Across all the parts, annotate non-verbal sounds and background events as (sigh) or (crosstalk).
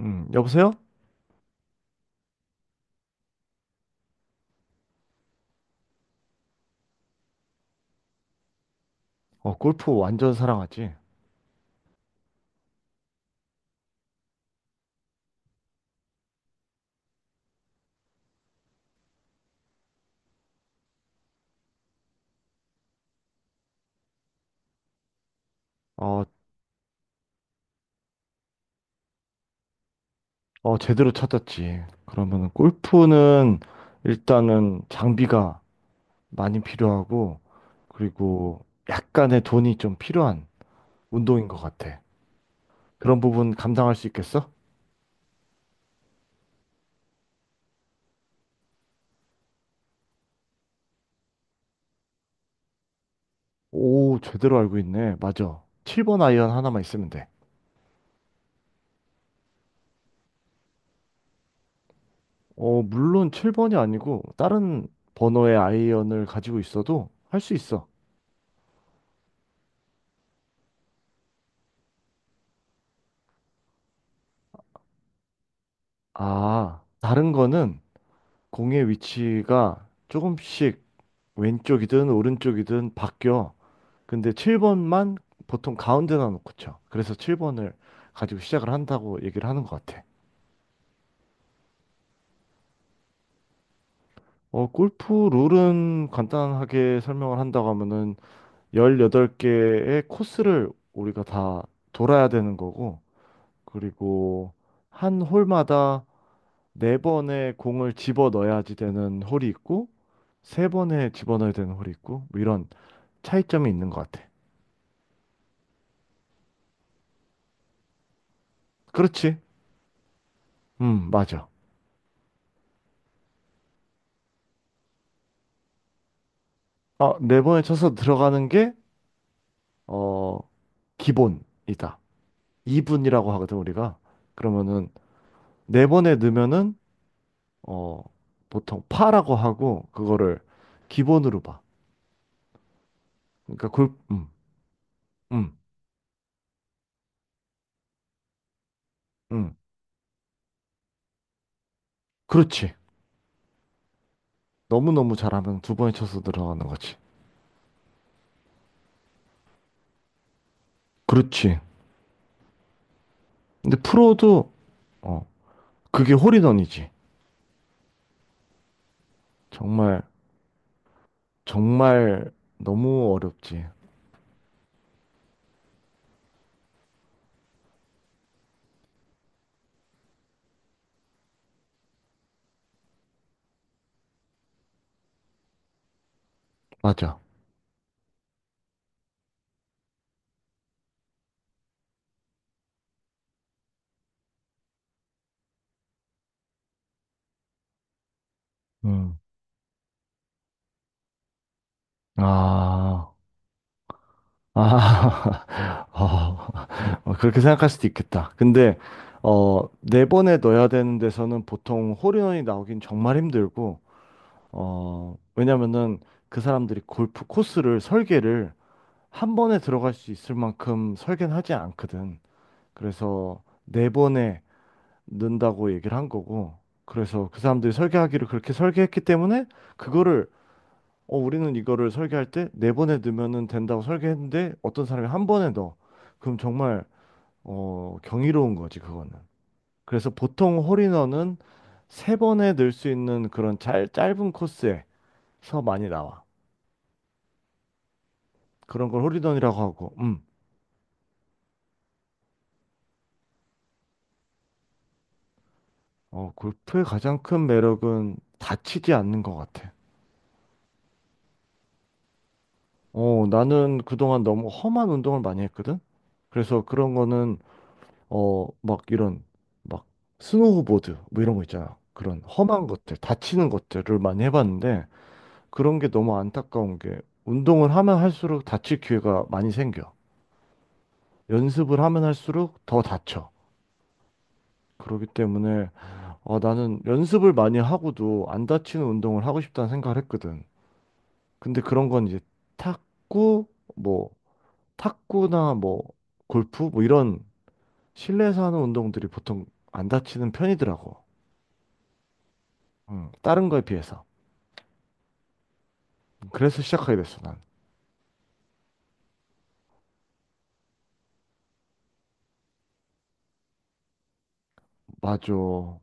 여보세요? 어, 골프 완전 사랑하지? 어, 어, 제대로 찾았지. 그러면은 골프는 일단은 장비가 많이 필요하고, 그리고 약간의 돈이 좀 필요한 운동인 것 같아. 그런 부분 감당할 수 있겠어? 오, 제대로 알고 있네. 맞아. 7번 아이언 하나만 있으면 돼. 어, 물론 7번이 아니고, 다른 번호의 아이언을 가지고 있어도 할 수 있어. 아, 다른 거는 공의 위치가 조금씩 왼쪽이든 오른쪽이든 바뀌어. 근데 7번만 보통 가운데다 놓고 쳐. 그래서 7번을 가지고 시작을 한다고 얘기를 하는 것 같아. 어, 골프 룰은 간단하게 설명을 한다고 하면은 18개의 코스를 우리가 다 돌아야 되는 거고, 그리고 한 홀마다 4번의 공을 집어 넣어야지 되는 홀이 있고, 3번에 집어넣어야 되는 홀이 있고, 뭐 이런 차이점이 있는 것 같아. 그렇지? 맞아. 아, 4번에 쳐서 들어가는 게, 어, 기본이다. 이분이라고 하거든, 우리가. 그러면은, 4번에 넣으면은, 어, 보통 파라고 하고, 그거를 기본으로 봐. 그러니까 음, 음. 그렇지. 너무너무 잘하면 2번에 쳐서 들어가는 거지. 그렇지. 근데 프로도, 어, 그게 홀인원이지. 정말, 정말 너무 어렵지. 맞아. 음. 아. 아, (laughs) 어, 어, 그렇게 생각할 수도 있겠다. 근데, 어, 4번에 넣어야 되는 데서는 보통 홀인원이 나오긴 정말 힘들고, 어, 왜냐면은 그 사람들이 골프 코스를 설계를 1번에 들어갈 수 있을 만큼 설계는 하지 않거든. 그래서 4번에 넣는다고 얘기를 한 거고, 그래서 그 사람들이 설계하기를 그렇게 설계했기 때문에 그거를 어, 우리는 이거를 설계할 때 4번에 넣으면 된다고 설계했는데 어떤 사람이 1번에 넣어. 그럼 정말 어, 경이로운 거지, 그거는. 그래서 보통 홀인원은 3번에 넣을 수 있는 그런 짧은 코스에서 많이 나와. 그런 걸 홀인원이라고 하고, 어, 골프의 가장 큰 매력은 다치지 않는 것 같아. 어, 나는 그동안 너무 험한 운동을 많이 했거든? 그래서 그런 거는 어, 막 이런 막 스노우보드 뭐 이런 거 있잖아. 그런 험한 것들, 다치는 것들을 많이 해봤는데 그런 게 너무 안타까운 게 운동을 하면 할수록 다칠 기회가 많이 생겨. 연습을 하면 할수록 더 다쳐. 그렇기 때문에 아, 나는 연습을 많이 하고도 안 다치는 운동을 하고 싶다는 생각을 했거든. 근데 그런 건 이제 탁구, 뭐 탁구나 뭐 골프 뭐 이런 실내에서 하는 운동들이 보통 안 다치는 편이더라고. 다른 거에 비해서. 그래서 시작하게 됐어, 난. 맞아. 어,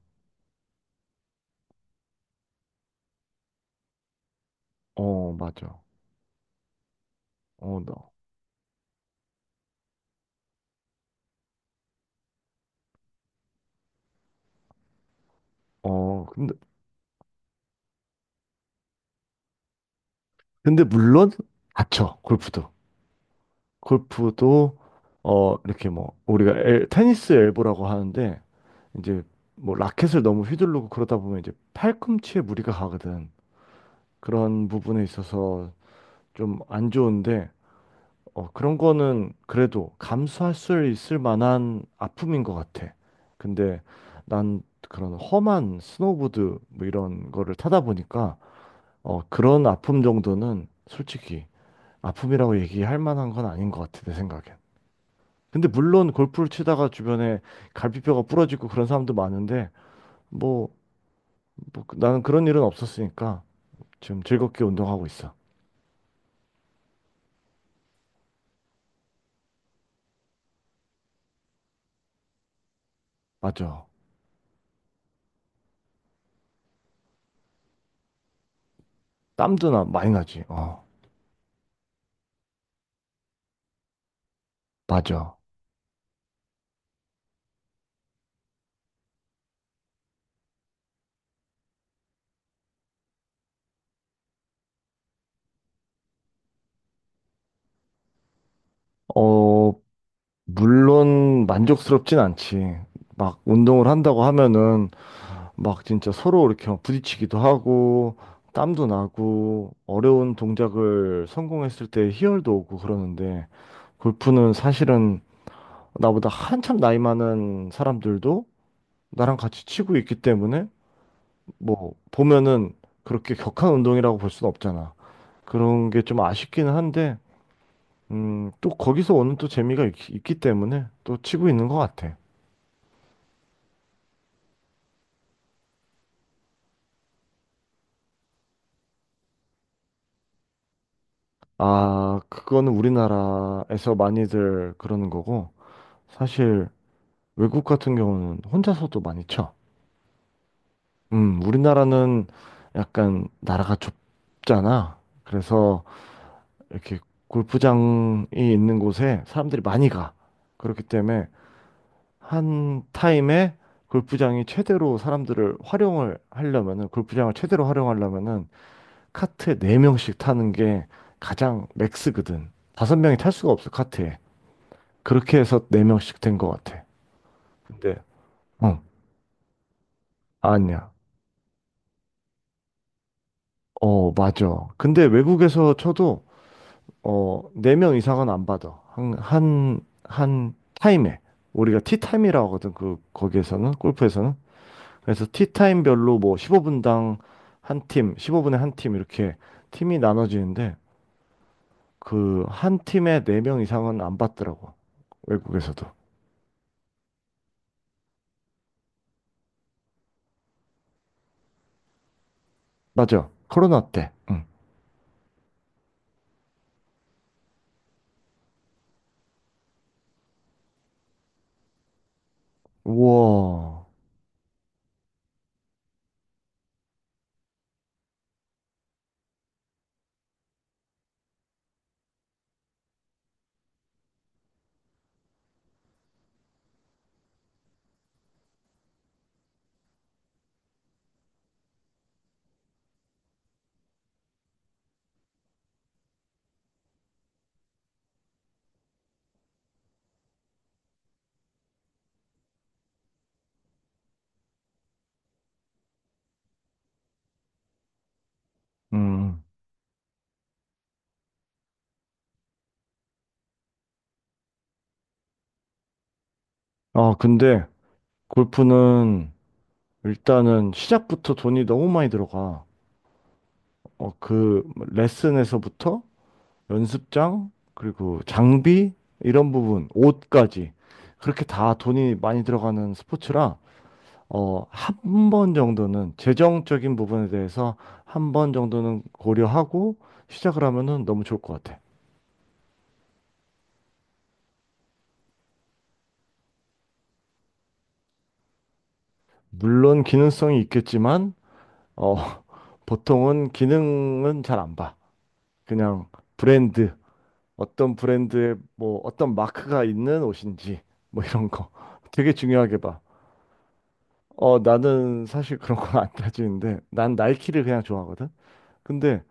맞아. 어, 너. 어, 근데, 물론, 다쳐, 골프도. 골프도, 어, 이렇게 뭐, 우리가 테니스 엘보라고 하는데, 이제, 뭐, 라켓을 너무 휘두르고 그러다 보면 이제 팔꿈치에 무리가 가거든. 그런 부분에 있어서 좀 안 좋은데, 어, 그런 거는 그래도 감수할 수 있을 만한 아픔인 것 같아. 근데 난 그런 험한 스노우보드 뭐 이런 거를 타다 보니까 어, 그런 아픔 정도는 솔직히 아픔이라고 얘기할 만한 건 아닌 것 같아, 내 생각엔. 근데 물론 골프를 치다가 주변에 갈비뼈가 부러지고 그런 사람도 많은데 뭐, 뭐, 나는 그런 일은 없었으니까 지금 즐겁게 운동하고 있어. 맞아. 땀도 나 많이 나지. 어, 맞아. 어, 물론 만족스럽진 않지. 막 운동을 한다고 하면은 막 진짜 서로 이렇게 막 부딪히기도 하고 땀도 나고 어려운 동작을 성공했을 때 희열도 오고 그러는데 골프는 사실은 나보다 한참 나이 많은 사람들도 나랑 같이 치고 있기 때문에 뭐 보면은 그렇게 격한 운동이라고 볼 수는 없잖아. 그런 게 좀 아쉽기는 한데 또 거기서 오는 또 재미가 있기 때문에 또 치고 있는 것 같아. 아, 그거는 우리나라에서 많이들 그러는 거고, 사실 외국 같은 경우는 혼자서도 많이 쳐. 우리나라는 약간 나라가 좁잖아. 그래서 이렇게 골프장이 있는 곳에 사람들이 많이 가. 그렇기 때문에 한 타임에 골프장이 최대로 사람들을 활용을 하려면은, 골프장을 최대로 활용하려면은, 카트에 4명씩 타는 게 가장 맥스거든. 5명이 탈 수가 없어, 카트에. 그렇게 해서 4명씩 된 것 같아. 근데, 어, 아니야. 어, 맞아. 근데 외국에서 쳐도, 어, 4명 이상은 안 받아. 한 타임에. 우리가 티타임이라고 하거든. 그, 거기에서는, 골프에서는. 그래서 티타임별로 뭐 15분당 한 팀, 15분에 한 팀, 이렇게 팀이 나눠지는데, 그, 한 팀에 4명 이상은 안 받더라고. 외국에서도. 맞아. 코로나 때. 응. 우와. 음. 아, 근데, 골프는 일단은 시작부터 돈이 너무 많이 들어가. 어, 그 레슨에서부터 연습장, 그리고 장비, 이런 부분, 옷까지. 그렇게 다 돈이 많이 들어가는 스포츠라, 어, 한 번 정도는 재정적인 부분에 대해서 한번 정도는 고려하고 시작을 하면은 너무 좋을 것 같아. 물론 기능성이 있겠지만, 어, (laughs) 보통은 기능은 잘 안 봐. 그냥 브랜드. 어떤 브랜드의 뭐 어떤 마크가 있는 옷인지 뭐 이런 거 (laughs) 되게 중요하게 봐. 어, 나는 사실 그런 건 안 따지는데 난 나이키를 그냥 좋아하거든. 근데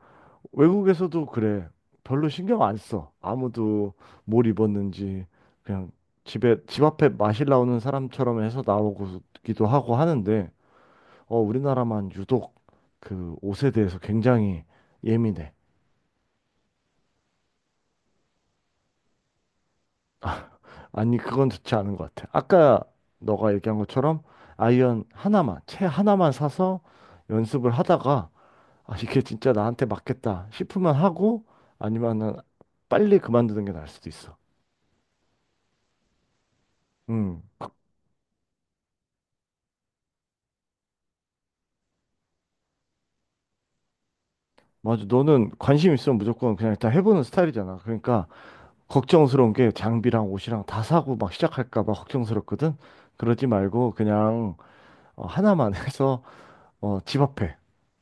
외국에서도 그래. 별로 신경 안 써. 아무도 뭘 입었는지 그냥 집에 집 앞에 마실 나오는 사람처럼 해서 나오기도 하고 하는데 어, 우리나라만 유독 그 옷에 대해서 굉장히 예민해. 아니, 그건 좋지 않은 것 같아. 아까 너가 얘기한 것처럼 아이언 하나만, 채 하나만 사서 연습을 하다가 아, 이게 진짜 나한테 맞겠다 싶으면 하고 아니면은 빨리 그만두는 게 나을 수도 있어. 음. 맞아. 너는 관심 있으면 무조건 그냥 일단 해보는 스타일이잖아. 그러니까 걱정스러운 게 장비랑 옷이랑 다 사고 막 시작할까 봐 걱정스럽거든. 그러지 말고 그냥 어, 하나만 (laughs) 해서 어, 집 앞에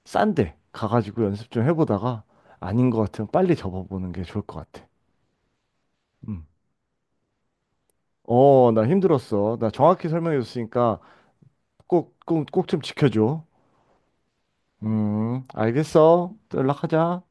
싼데 가가지고 연습 좀 해보다가 아닌 것 같으면 빨리 접어보는 게 좋을 것 같아. 음. 어, 나 힘들었어. 나 정확히 설명해줬으니까 꼭, 꼭, 꼭 좀 지켜줘. 알겠어. 또 연락하자.